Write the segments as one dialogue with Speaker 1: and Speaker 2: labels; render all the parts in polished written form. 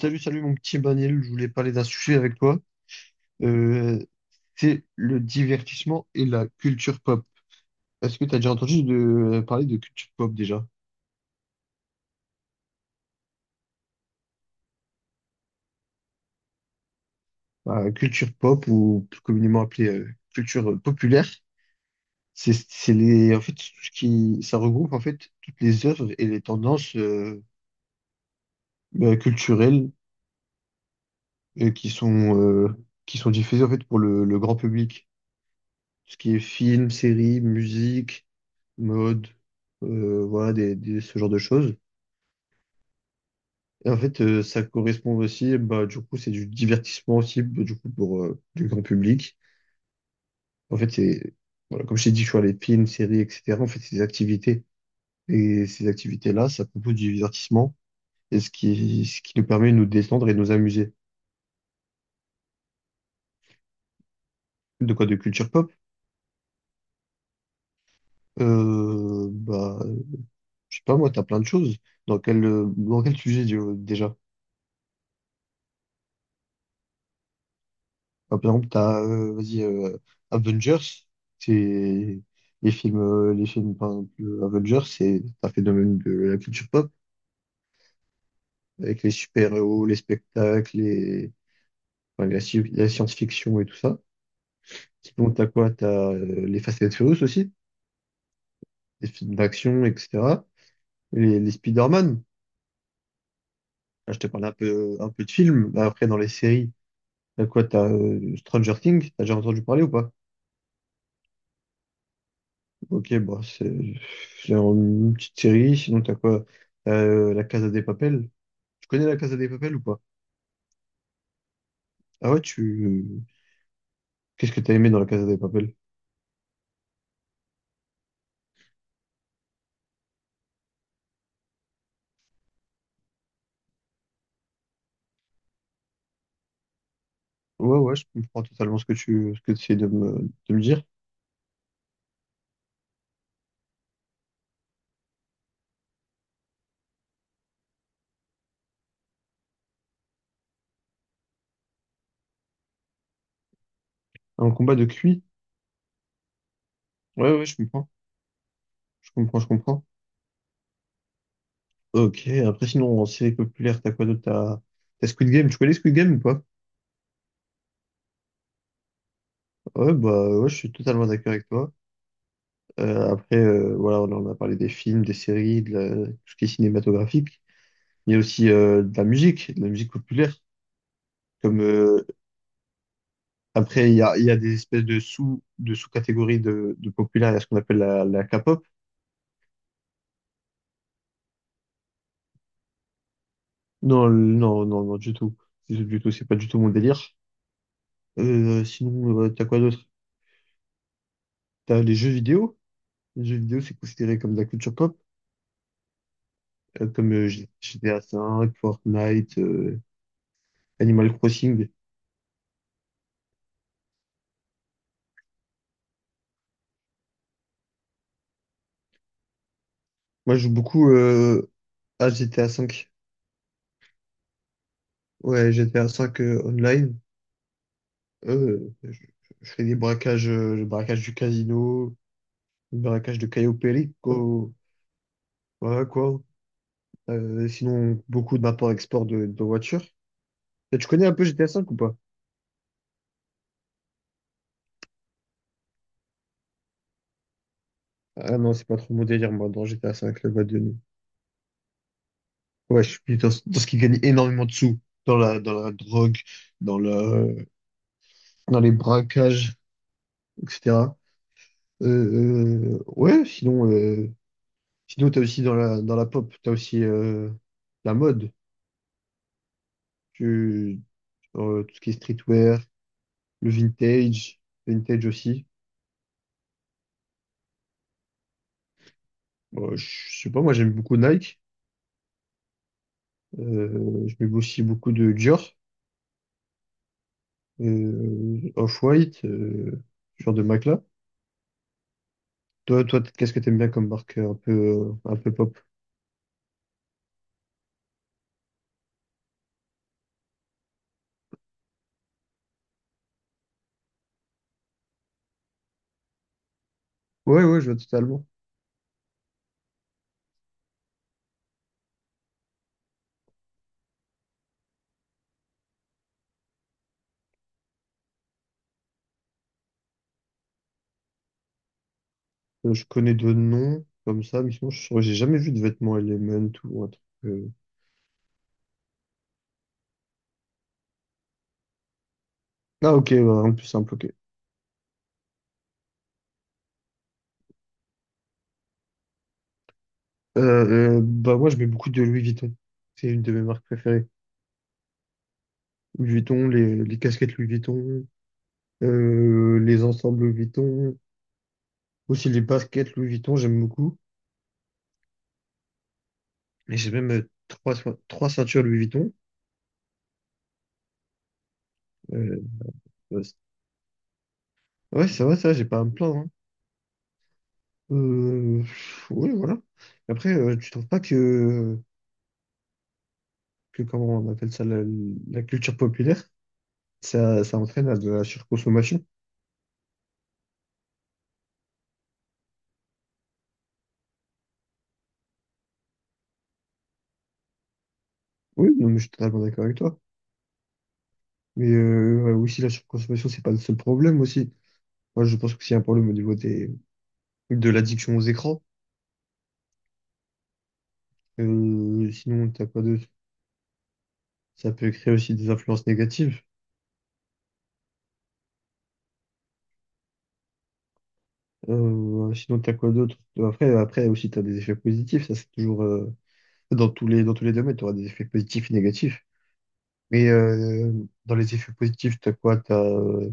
Speaker 1: Salut, salut mon petit Emmanuel, je voulais parler d'un sujet avec toi. Euh, c'est le divertissement et la culture pop. Est-ce que tu as déjà entendu parler de culture pop déjà? Bah, culture pop ou plus communément appelée culture populaire, c'est les en fait ce qui ça regroupe en fait toutes les œuvres et les tendances bah, culturelles euh, qui sont euh, qui sont diffusées en fait pour le grand public. Ce qui est film, série, musique, mode, voilà, ce genre de choses. Et en fait, ça correspond aussi, bah, du coup, c'est du divertissement aussi, bah, du coup, pour du grand public. En fait, voilà, comme je t'ai dit, tu vois, les films, séries, etc. En fait, c'est des activités. Et ces activités-là, ça propose du divertissement. Et ce qui nous permet de nous détendre et de nous amuser. De quoi? De culture pop? Euh, bah, je sais pas, moi, t'as plein de choses. Dans quel sujet, déjà? Bah, par exemple, Avengers, c'est les films, par exemple, Avengers, c'est un phénomène de la culture pop, avec les super-héros, les spectacles, les, enfin, la science-fiction et tout ça. Sinon, t'as quoi? T'as les Fast and Furious aussi, les films d'action, etc. Les Spider-Man. Là, je te parlais un peu de films. Bah, après, dans les séries, t'as quoi? T'as Stranger Things, t'as déjà entendu parler ou pas? Ok, bah, c'est une petite série. Sinon, t'as quoi? La Casa des Papel. Tu connais La Casa des Papel ou pas? Ah ouais, tu. Qu'est-ce que t'as aimé dans La Casa des Papel? Ouais, ouais, je comprends totalement ce que tu essaies de de me dire. Un combat de cuit? Ouais, ouais, je comprends. Je comprends, je comprends. Ok, après, sinon, en série populaire, t'as quoi d'autre? T'as Squid Game. Tu connais Squid Game ou pas? Ouais, bah, ouais, je suis totalement d'accord avec toi. Voilà, on en a parlé des films, des séries, tout ce qui est cinématographique. Il y a aussi de la musique populaire. Comme après, il y a des espèces de sous-catégories de populaire. Il y a ce qu'on appelle la K-pop. Non, non, non, du tout, du tout. C'est pas du tout mon délire. T'as quoi d'autre? T'as les jeux vidéo. Les jeux vidéo, c'est considéré comme de la culture pop, GTA V, Fortnite, Animal Crossing. Moi, je joue beaucoup à GTA V. Ouais, GTA V online. Euh, je, je fais des braquages, le braquage du casino, le braquage de Caio Perico, voilà quoi. Sinon, beaucoup d'import-export de voitures. Et tu connais un peu GTA V ou pas? Ah non, c'est pas trop mon délire, moi, dans GTA V, le mode de nuit. Ouais, je suis plus dans ce qui gagne énormément de sous, dans la drogue, dans la, dans les braquages, etc. Euh, euh, ouais, sinon, euh, sinon t'as aussi dans la pop, t'as aussi la mode, tu, tout ce qui est streetwear, le vintage, vintage aussi. Bon, je sais pas, moi j'aime beaucoup Nike. Je mets aussi beaucoup de Dior, Off-White, ce genre de marque-là. Toi, qu'est-ce que t'aimes bien comme marque un peu pop? Ouais, ouais, je vois totalement. Je connais de noms comme ça, mais sinon, j'ai jamais vu de vêtements Element ou un truc, Ah, ok, bah, un plus simple, ok. Euh, moi, je mets beaucoup de Louis Vuitton. C'est une de mes marques préférées. Louis Vuitton, les casquettes Louis Vuitton, les ensembles Louis Vuitton. Aussi les baskets Louis Vuitton, j'aime beaucoup. Et j'ai même trois ceintures Louis Vuitton. Euh, euh, c- ouais, ça va, ça, j'ai pas à me plaindre, hein. Euh, oui, voilà. Après, tu trouves pas que comment on appelle ça, la culture populaire, ça entraîne à de la surconsommation? Oui, non, mais je suis totalement d'accord avec toi. Mais ouais, aussi, la surconsommation, c'est pas le seul problème aussi. Moi, je pense que c'est un problème au niveau de l'addiction aux écrans. Sinon, t'as pas de... Ça peut créer aussi des influences négatives. T'as quoi d'autre? Après aussi, t'as des effets positifs. Ça, c'est toujours dans tous les domaines, t'auras des effets positifs et négatifs. Mais dans les effets positifs, t'as quoi? T'as, euh,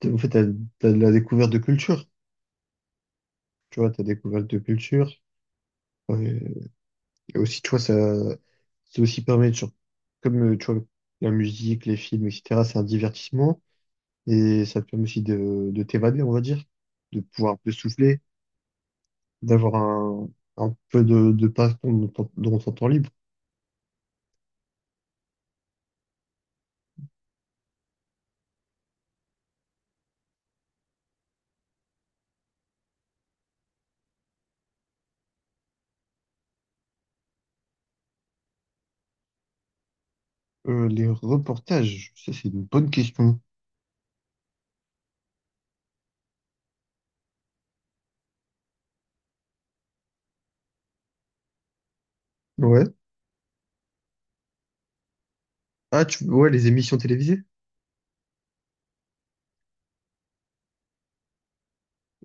Speaker 1: t'as- En fait, t'as de la découverte de culture. Tu vois, t'as découverte de culture. Ouais. Et aussi, tu vois, ça aussi permet comme tu vois, la musique, les films, etc. C'est un divertissement et ça te permet aussi de t'évader, on va dire, de pouvoir un peu souffler, d'avoir un peu de passe-temps dans ton temps libre. Les reportages, ça c'est une bonne question. Ouais. Ouais, les émissions télévisées.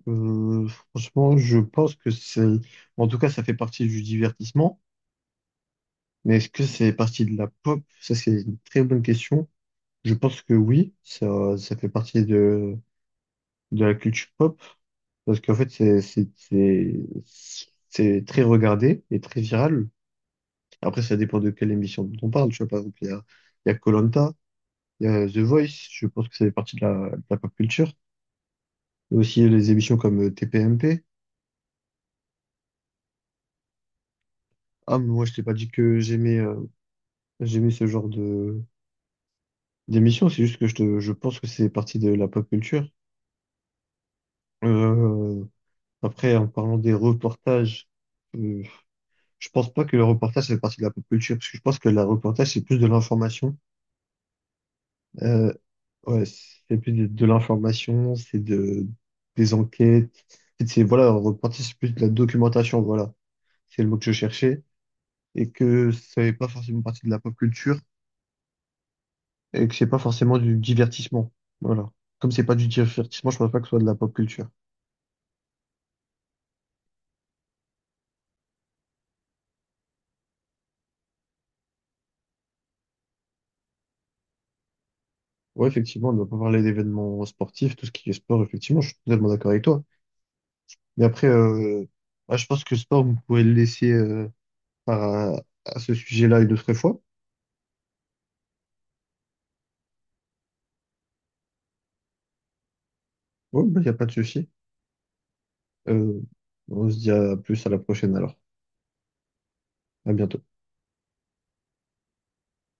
Speaker 1: Franchement, je pense que en tout cas, ça fait partie du divertissement. Mais est-ce que c'est partie de la pop? Ça, c'est une très bonne question. Je pense que oui, ça fait partie de la culture pop. Parce qu'en fait, c'est très regardé et très viral. Après, ça dépend de quelle émission dont on parle. Tu vois, par exemple, il y a koh il y a The Voice. Je pense que ça fait partie de de la pop culture. Il y a aussi les émissions comme TPMP. Ah, mais moi, je t'ai pas dit que j'aimais ce genre de d'émission. C'est juste que je pense que c'est partie de la pop culture. Euh, après, en parlant des reportages, euh, je pense pas que le reportage ça fait partie de la pop culture parce que je pense que le reportage c'est plus de l'information. Euh, ouais, c'est plus de l'information, c'est des enquêtes. En fait, c'est, voilà, on repartit plus de la documentation, voilà. C'est le mot que je cherchais. Et que ça n'est pas forcément partie de la pop culture et que c'est pas forcément du divertissement. Voilà. Comme c'est pas du divertissement, je pense pas que ce soit de la pop culture. Ouais, effectivement, on ne doit pas parler d'événements sportifs, tout ce qui est sport, effectivement, je suis totalement d'accord avec toi. Mais après, je pense que sport, vous pouvez le laisser à ce sujet-là une autre fois. Ouais, il n'y a pas de souci. Euh, on se dit à plus à la prochaine alors. À bientôt.